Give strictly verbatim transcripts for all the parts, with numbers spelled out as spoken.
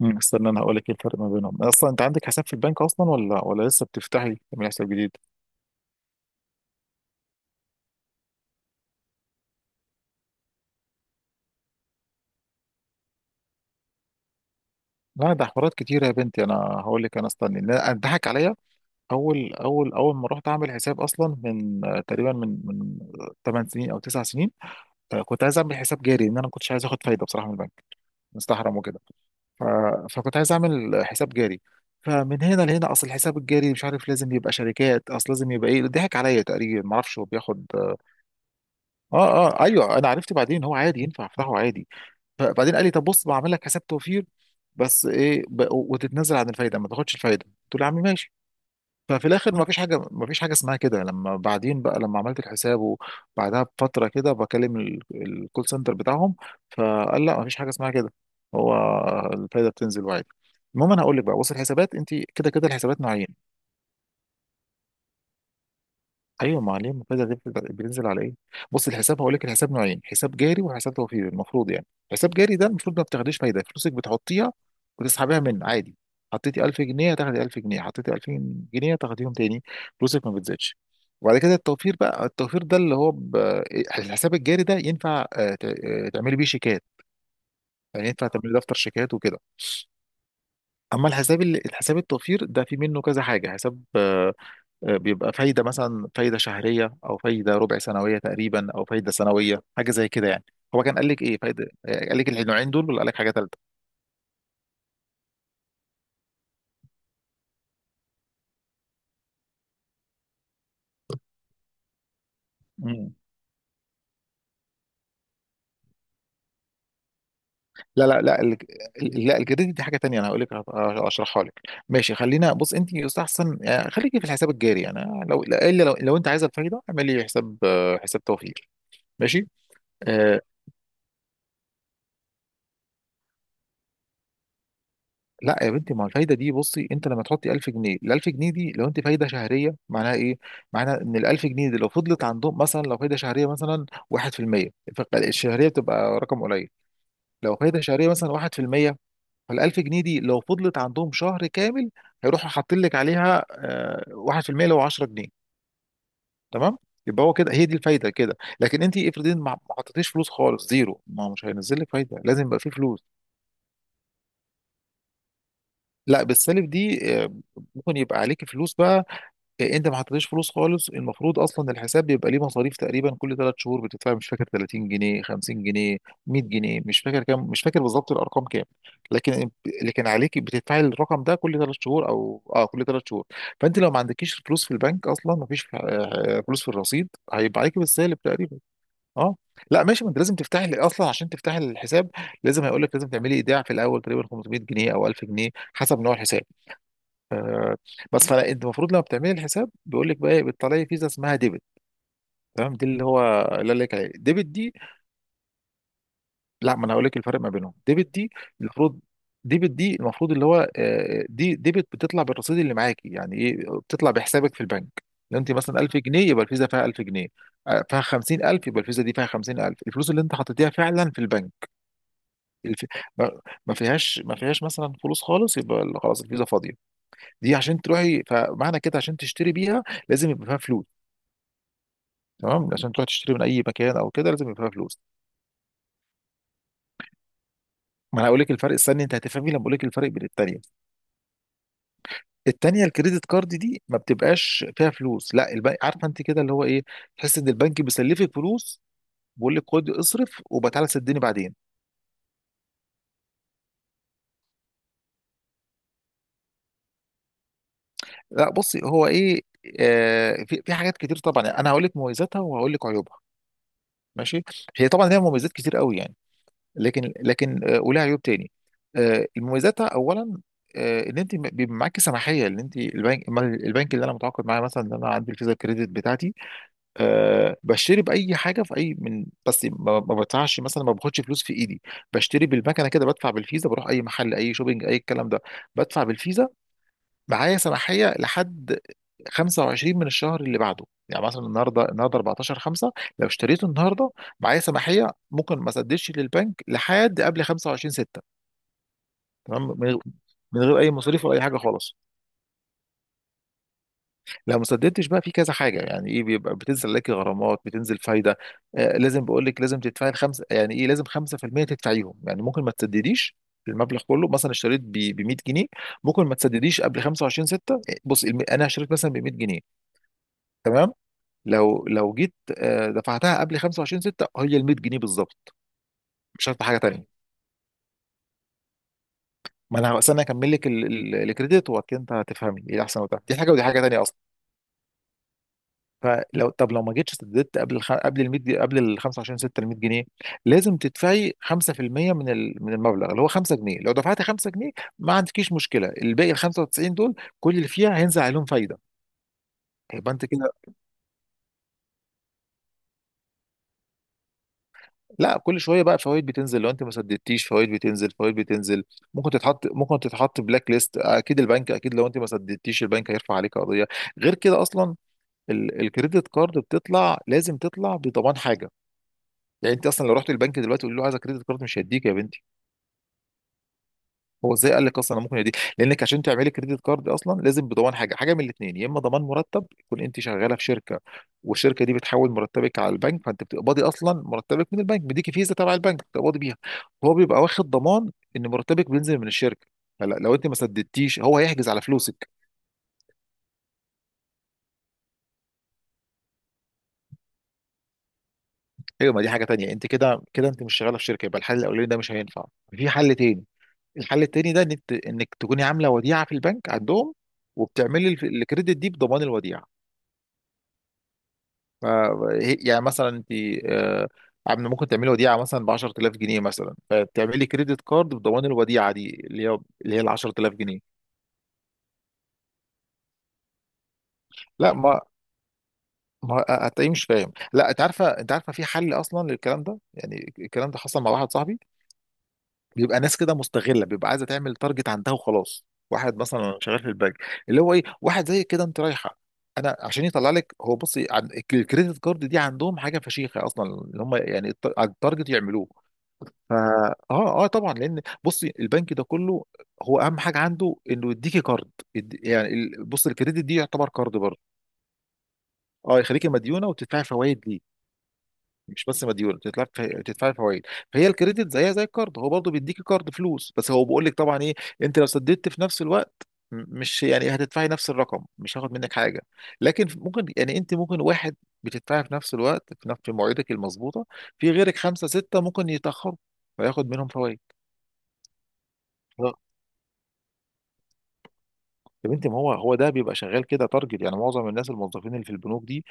مم. استنى، انا هقول لك ايه الفرق ما بينهم اصلا. انت عندك حساب في البنك اصلا، ولا ولا لسه بتفتحي تعملي حساب جديد؟ لا، ده حوارات كتيره يا بنتي، انا هقول لك. انا استني، لا اتضحك عليا. اول اول اول ما رحت اعمل حساب اصلا من آه، تقريبا من من 8 سنين او 9 سنين. آه، كنت عايز اعمل حساب جاري لان انا ما كنتش عايز اخد فايده بصراحه من البنك. مستحرم وكده. ف... فكنت عايز اعمل حساب جاري. فمن هنا لهنا، اصل الحساب الجاري مش عارف لازم يبقى شركات، اصل لازم يبقى ايه، ضحك عليا تقريبا، ما اعرفش هو بياخد آه، اه اه ايوه. انا عرفت بعدين إن هو عادي ينفع افتحه عادي. فبعدين قال لي: طب بص بعمل لك حساب توفير، بس ايه، ب... وتتنازل عن الفايده، ما تاخدش الفايده. قلت له: يا عم ماشي. ففي الاخر، ما فيش حاجه، ما فيش حاجه اسمها كده. لما بعدين بقى، لما عملت الحساب وبعدها بفتره كده، بكلم ال- الكول سنتر بتاعهم، فقال: لا ما فيش حاجه اسمها كده. هو الفايده بتنزل وعادي. المهم انا هقول لك بقى، بص، الحسابات انت كده كده، الحسابات نوعين. ايوه ما عليه. المنتدى ده بيبقى- بينزل على ايه. بص الحساب، هقول لك الحساب نوعين: حساب جاري وحساب توفيري، المفروض يعني. حساب جاري ده المفروض ما بتاخديش فايده، فلوسك بتحطيها وتسحبيها من عادي. حطيتي ألف جنيه هتاخدي ألف جنيه، حطيتي ألفين جنيه هتاخديهم تاني، فلوسك ما بتزيدش. وبعد كده التوفير بقى. التوفير ده اللي هو ب... إيه، الحساب الجاري ده ينفع آه، ت- آه، تعملي بيه شيكات، يعني ينفع تعملي دفتر شيكات وكده. اما الحساب ال- الحساب التوفير ده في منه كذا حاجه، حساب آه، آه، بيبقى فايدة، مثلا فايدة شهرية أو فايدة ربع سنوية تقريبا أو فايدة سنوية، حاجة زي كده يعني. هو كان قال لك إيه فايدة؟ آه، قال لك النوعين دول ولا قال لك حاجة تالتة؟ مم. لا لا لا، ال- ال- لا، الجديد دي حاجة تانية، أنا هقول لك أشرحها لك. ماشي خلينا بص، أنت يستحسن يعني خليكي في الحساب الجاري يعني، لو إلا لو, لو أنت عايزة الفايدة اعملي حساب آه، حساب توفير. ماشي. آه، لا يا بنتي، ما هو الفايده دي بصي، انت لما تحطي ألف جنيه، ال ألف جنيه دي لو انت فايده شهريه معناها ايه؟ معناها ان ال ألف جنيه دي لو فضلت عندهم، مثلا لو فايده شهريه مثلا واحد في المية، فالشهريه بتبقى رقم قليل. لو فايده شهريه مثلا واحد في المية، فال ألف جنيه دي لو فضلت عندهم شهر كامل، هيروحوا حاطين لك عليها آه، واحد في المية لو عشرة جنيه. تمام؟ يبقى هو كده. هي دي الفايده كده، لكن انت افرضي ما ما حطيتيش فلوس خالص، زيرو، ما هو مش هينزل لك فايده، لازم يبقى فيه فلوس. لا، بالسالب دي آه، ممكن يبقى عليكي فلوس بقى، إيه، انت ما حطيتش فلوس خالص. المفروض اصلا الحساب بيبقى ليه مصاريف تقريبا كل ثلاث شهور، بتدفع مش فاكر ثلاثين جنيه، خمسين جنيه، مية جنيه، مش فاكر كام، مش فاكر بالظبط الارقام كام. لكن لكن عليك بتدفعي الرقم ده كل ثلاث شهور او اه كل ثلاث شهور. فانت لو ما عندكيش فلوس في البنك اصلا، ما فيش آه، آه، فلوس في الرصيد، هيبقى عليك بالسالب تقريبا. اه. لا ماشي، ما انت لازم تفتحي اصلا. عشان تفتحي الحساب لازم، هيقول لك لازم تعملي ايداع في الاول تقريبا خمسمية جنيه او ألف جنيه حسب نوع الحساب. آه، بس فانت المفروض لما بتعملي الحساب بيقول لك بقى إيه، بتطلعي فيزا اسمها ديبت. تمام، دي اللي هو اللي قال لك عليه ديبت دي. لا ما انا هقول لك الفرق ما بينهم. ديبت دي المفروض ديبت دي المفروض اللي هو آه، دي ديبت بتطلع بالرصيد اللي معاكي، يعني ايه؟ بتطلع بحسابك في البنك. لو انت مثلا ألف جنيه يبقى الفيزا فيها ألف جنيه. آه، فيها خمسين ألف يبقى الفيزا دي فيها خمسين ألف، الفلوس اللي انت حطيتيها فعلا في البنك. الف... ما ما فيهاش ما فيهاش مثلا فلوس خالص، يبقى خلاص الفيزا فاضيه. دي عشان تروحي، فمعنى كده، عشان تشتري بيها لازم يبقى فيها فلوس. تمام، عشان تروح تشتري من اي مكان او كده لازم يبقى فيها فلوس. ما انا هقول لك الفرق، استني انت هتفهمي لما اقول لك الفرق بين التانيه. التانيه الكريدت كارد دي ما بتبقاش فيها فلوس، لا، البنك عارفه انت كده اللي هو ايه، تحس ان البنك بيسلفك فلوس، بيقول لك خد اصرف وبتعالى سدني بعدين. لا بصي هو ايه، آه في في حاجات كتير طبعا. انا هقول لك مميزاتها وهقول لك عيوبها. ماشي. هي طبعا ليها مميزات كتير قوي يعني، لكن لكن آه، ولها عيوب تاني. آه، مميزاتها اولا: آه، ان انت بيبقى معاكي سماحيه ان انت البنك، البنك اللي انا متعاقد معاه مثلا، ان انا عندي الفيزا كريدت بتاعتي. أه بشتري باي حاجه في اي من، بس ما ما بدفعش مثلا، ما باخدش فلوس في ايدي، بشتري بالمكنه كده، بدفع بالفيزا، بروح اي محل، اي شوبينج، اي الكلام ده، بدفع بالفيزا. معايا سماحية لحد خمسة وعشرين من الشهر اللي بعده، يعني مثلا النهارده، النهارده أربعتاشر خمسة، لو اشتريته النهارده، معايا سماحية ممكن ما اسددش للبنك لحد قبل خمسة وعشرين ستة. تمام، من غ- من غير اي مصاريف ولا اي حاجه خالص. لو ما سددتش بقى في كذا حاجه، يعني ايه، بيبقى بتنزل لك غرامات، بتنزل فايده، آه لازم بقول لك، لازم تدفعي الخمسه، يعني ايه، لازم خمسة في المية تدفعيهم. يعني ممكن ما تسدديش المبلغ كله، مثلا اشتريت ب مية جنيه، ممكن ما تسدديش قبل خمسة وعشرين ستة. بص، الم- انا اشتريت مثلا ب مية جنيه، تمام؟ لو لو جيت آه، دفعتها قبل خمسة وعشرين ستة، هي ال مية جنيه بالظبط، مش هدفع حاجه تانيه. ما انا بس انا هكمل لك ال- ال- الكريدت وبعد كده انت هتفهمي ايه احسن وبتاع، دي حاجه ودي حاجه تانيه اصلا. فلو طب لو ما جيتش سددت قبل الخ... قبل ال مية جنيه، قبل ال خمسة وعشرين ستة ال مية جنيه، لازم تدفعي خمسة في المية من ال... من المبلغ اللي هو خمسة جنيه. لو دفعتي خمسة جنيه ما عندكيش مشكله، الباقي ال خمسة وتسعين دول كل اللي فيها هينزل عليهم فايده، يبقى انت كده. لا، كل شويه بقى فوائد بتنزل، لو انت ما سددتيش فوائد بتنزل، فوائد بتنزل. ممكن تتحط ممكن تتحط بلاك ليست، اكيد البنك، اكيد لو انت ما سددتيش البنك هيرفع عليك قضيه. غير كده اصلا، ال- الكريدت كارد بتطلع، لازم تطلع بضمان حاجه. يعني انت اصلا لو رحت البنك دلوقتي تقول له عايز كريدت كارد، مش هيديك يا بنتي. هو ازاي قال لك اصلا انا ممكن يدي! لانك عشان تعملي كريدت كارد اصلا لازم بضمان حاجه، حاجه من الاثنين: يا اما ضمان مرتب، يكون انت شغاله في شركه والشركه دي بتحول مرتبك على البنك، فانت بتقبضي اصلا مرتبك من البنك، بيديكي فيزا تبع البنك بتقبضي بيها. هو بيبقى واخد ضمان ان مرتبك بينزل من الشركه، فلا لو انت ما سددتيش هو هيحجز على فلوسك. ايوه ما دي حاجه تانيه، انت كده كده انت مش شغاله في شركه، يبقى الحل الاولاني ده مش هينفع، في حل تاني. الحل التاني ده انك، انك تكوني عامله وديعه في البنك عندهم، وبتعملي الف- الكريدت دي بضمان الوديعه. ما- هي- يعني مثلا انت آه، عم- ممكن تعملي وديعه مثلا ب عشر آلاف جنيه مثلا، فتعملي كريدت كارد بضمان الوديعه دي اللي هي اللي هي ال عشر آلاف جنيه. لا ما ما هتلاقيه مش فاهم. لا انت عارفه، انت عارفه في حل اصلا للكلام ده. يعني الكلام ده حصل مع واحد صاحبي، بيبقى ناس كده مستغله، بيبقى عايزه تعمل تارجت عندها وخلاص. واحد مثلا شغال في البنك اللي هو ايه، واحد زي كده انت رايحه، انا عشان يطلع لك. هو بصي عن- الكريدت كارد دي عندهم حاجه فشيخه اصلا اللي هم يعني، الت- على التارجت يعملوه. فا اه اه طبعا، لان بصي البنك ده كله هو اهم حاجه عنده انه يديكي كارد، يد- يعني ال- بص الكريدت دي يعتبر كارد برضه. اه يخليكي مديونه وتدفعي فوائد ليه، مش بس مديونه، تدفعي، تدفعي فوائد. فهي الكريدت زيها زي الكارد، هو برضه بيديكي كارد فلوس، بس هو بيقول لك طبعا ايه، انت لو سددت في نفس الوقت، م- مش يعني هتدفعي نفس الرقم، مش هاخد منك حاجه. لكن ممكن يعني انت ممكن واحد بتدفعي في نفس الوقت، في نفس في مواعيدك المظبوطه، في غيرك خمسه سته ممكن يتاخروا فياخد منهم فوائد. يا بنتي ما هو هو ده بيبقى شغال كده تارجت، يعني معظم الناس الموظفين اللي في البنوك دي،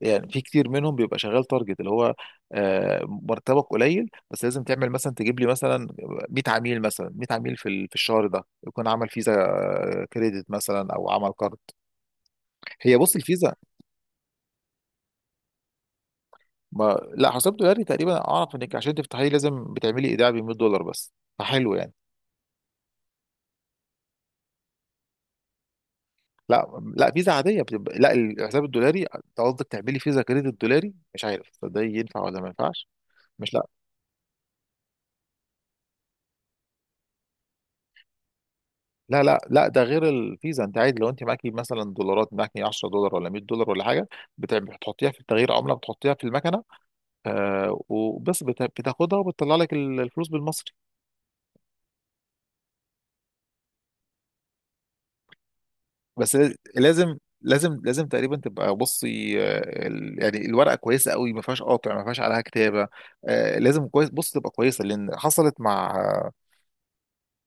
يعني في كتير منهم بيبقى شغال تارجت اللي هو آه، مرتبك قليل بس لازم تعمل مثلا تجيب لي مثلا مية عميل، مثلا مية عميل في ال- في الشهر ده يكون عمل فيزا آه، كريدت مثلا او عمل كارد. هي بص الفيزا. ما لا، حساب دولاري تقريبا اعرف انك عشان تفتحيه لازم بتعملي ايداع ب مية دولار بس، فحلو يعني. لا لا فيزا عاديه بتبقى، لا الحساب الدولاري أنت قصدك تعملي فيزا كريدت دولاري، مش عارف ده ينفع ولا ما ينفعش. مش لا لا لا ده غير الفيزا، انت عادي لو انت معاكي مثلا دولارات، معاكي عشرة دولار ولا مية دولار ولا حاجه. بت- بتحطيها في تغيير عمله، بتحطيها في المكنه آه وبس، بت- بتاخدها وبتطلع لك ال- الفلوس بالمصري. بس لاز- لازم لازم لازم تقريبا تبقى بصي آه، ال- يعني الورقه كويسه قوي، ما فيهاش قاطع، ما فيهاش عليها كتابه، آه لازم كويس بص تبقى كويسه، لان حصلت مع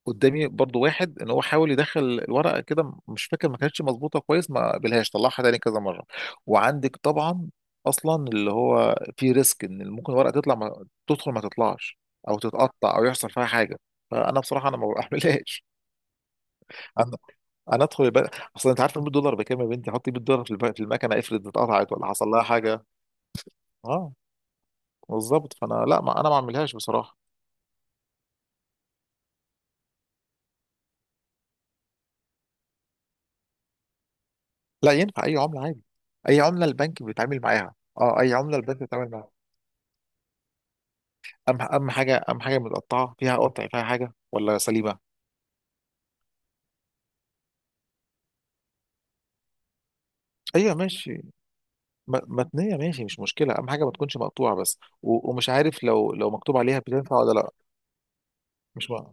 قدامي برضو واحد ان هو حاول يدخل الورقه كده، مش فاكر ما كانتش مظبوطه كويس، ما قبلهاش طلعها تاني كذا مره، وعندك طبعا اصلا اللي هو في ريسك ان ممكن الورقه تطلع، ما تدخل ما تطلعش، او تتقطع او يحصل فيها حاجه. فانا بصراحه انا ما بعملهاش. انا، انا ادخل البنك اصلا، انت عارف ال مية دولار بكام يا بنتي؟ حطي مية دولار في الب- في المكنه افرض اتقطعت ولا حصل لها حاجه. اه بالظبط، فانا لا، ما انا ما اعملهاش بصراحه. لا ينفع اي عمله عادي، اي عمله البنك بيتعامل معاها، اه اي عمله البنك بيتعامل معاها. أهم، أهم حاجة أهم حاجة متقطعة فيها، قطع فيها حاجة ولا سليمة؟ أيوة ماشي. م- متنية ماشي، مش مشكلة، أهم حاجة ما تكونش مقطوعة بس، و- ومش عارف لو لو مكتوب عليها بتنفع ولا لأ. مش مع-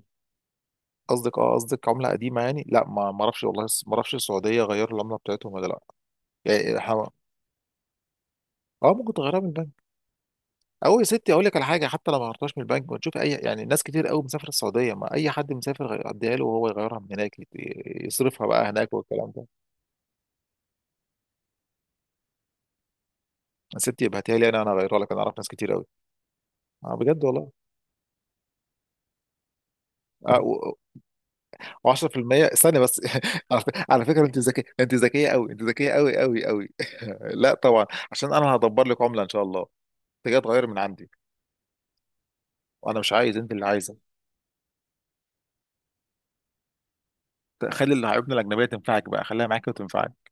قصدك اه، قصدك عملة قديمة يعني؟ لا ما ما اعرفش والله، ما اعرفش السعودية غيروا العملة بتاعتهم ولا لأ. يعني ح- اه ممكن تغيرها من البنك، او يا ستي اقول لك على حاجه، حتى لو ما غيرتهاش من البنك ونشوف اي، يعني ناس كتير قوي مسافره السعوديه، ما اي حد مسافر غي- اديها له وهو يغيرها من هناك، يت- يصرفها بقى هناك والكلام ده. يا ستي ابعتيها لي انا، انا اغيرها لك، انا اعرف ناس كتير قوي. اه بجد والله. وعشرة في المية. استنى بس على فك- على فكره انت ذكيه، انت ذكيه قوي، انت ذكيه قوي قوي قوي. لا طبعا. عشان انا هدبر لك عمله ان شاء الله، انت جاي تغير من عندي. وانا مش عايز، انت اللي عايزه. خلي العيوبنا الاجنبيه تنفعك بقى، خليها معاكي وتنفعك.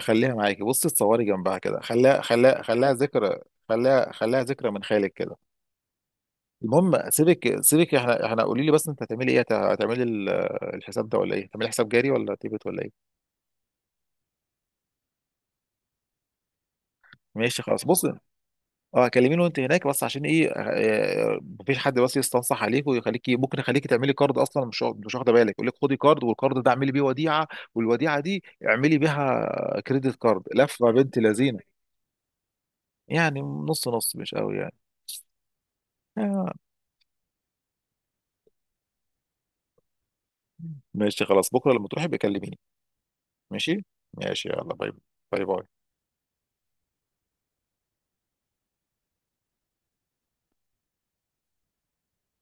خليها معاكي بصي، تصوري جنبها كده، خليها خليها خليها ذكرى. خليها خليها ذكرى من خيالك كده. المهم سيبك سيبك، احنا احنا قولي لي بس انت هتعملي ايه، هت- هتعملي ال- الحساب ده ولا ايه، هتعملي حساب جاري ولا تيبت ولا ايه؟ ماشي خلاص بص، اه كلميني وانت هناك بس، عشان ايه آه، مفيش حد بس يستنصح عليك ويخليكي، ممكن يخليكي تعملي كارد اصلا مش واخد- مش واخده بالك، يقول لك خدي كارد والكارد ده اعملي بيه وديعه والوديعه دي اعملي بيها كريدت كارد، لفه بنت لذينه. يعني نص نص مش قوي يعني. آه، ماشي خلاص بكره لما تروحي بكلميني. ماشي. ماشي يلا باي. باي باي.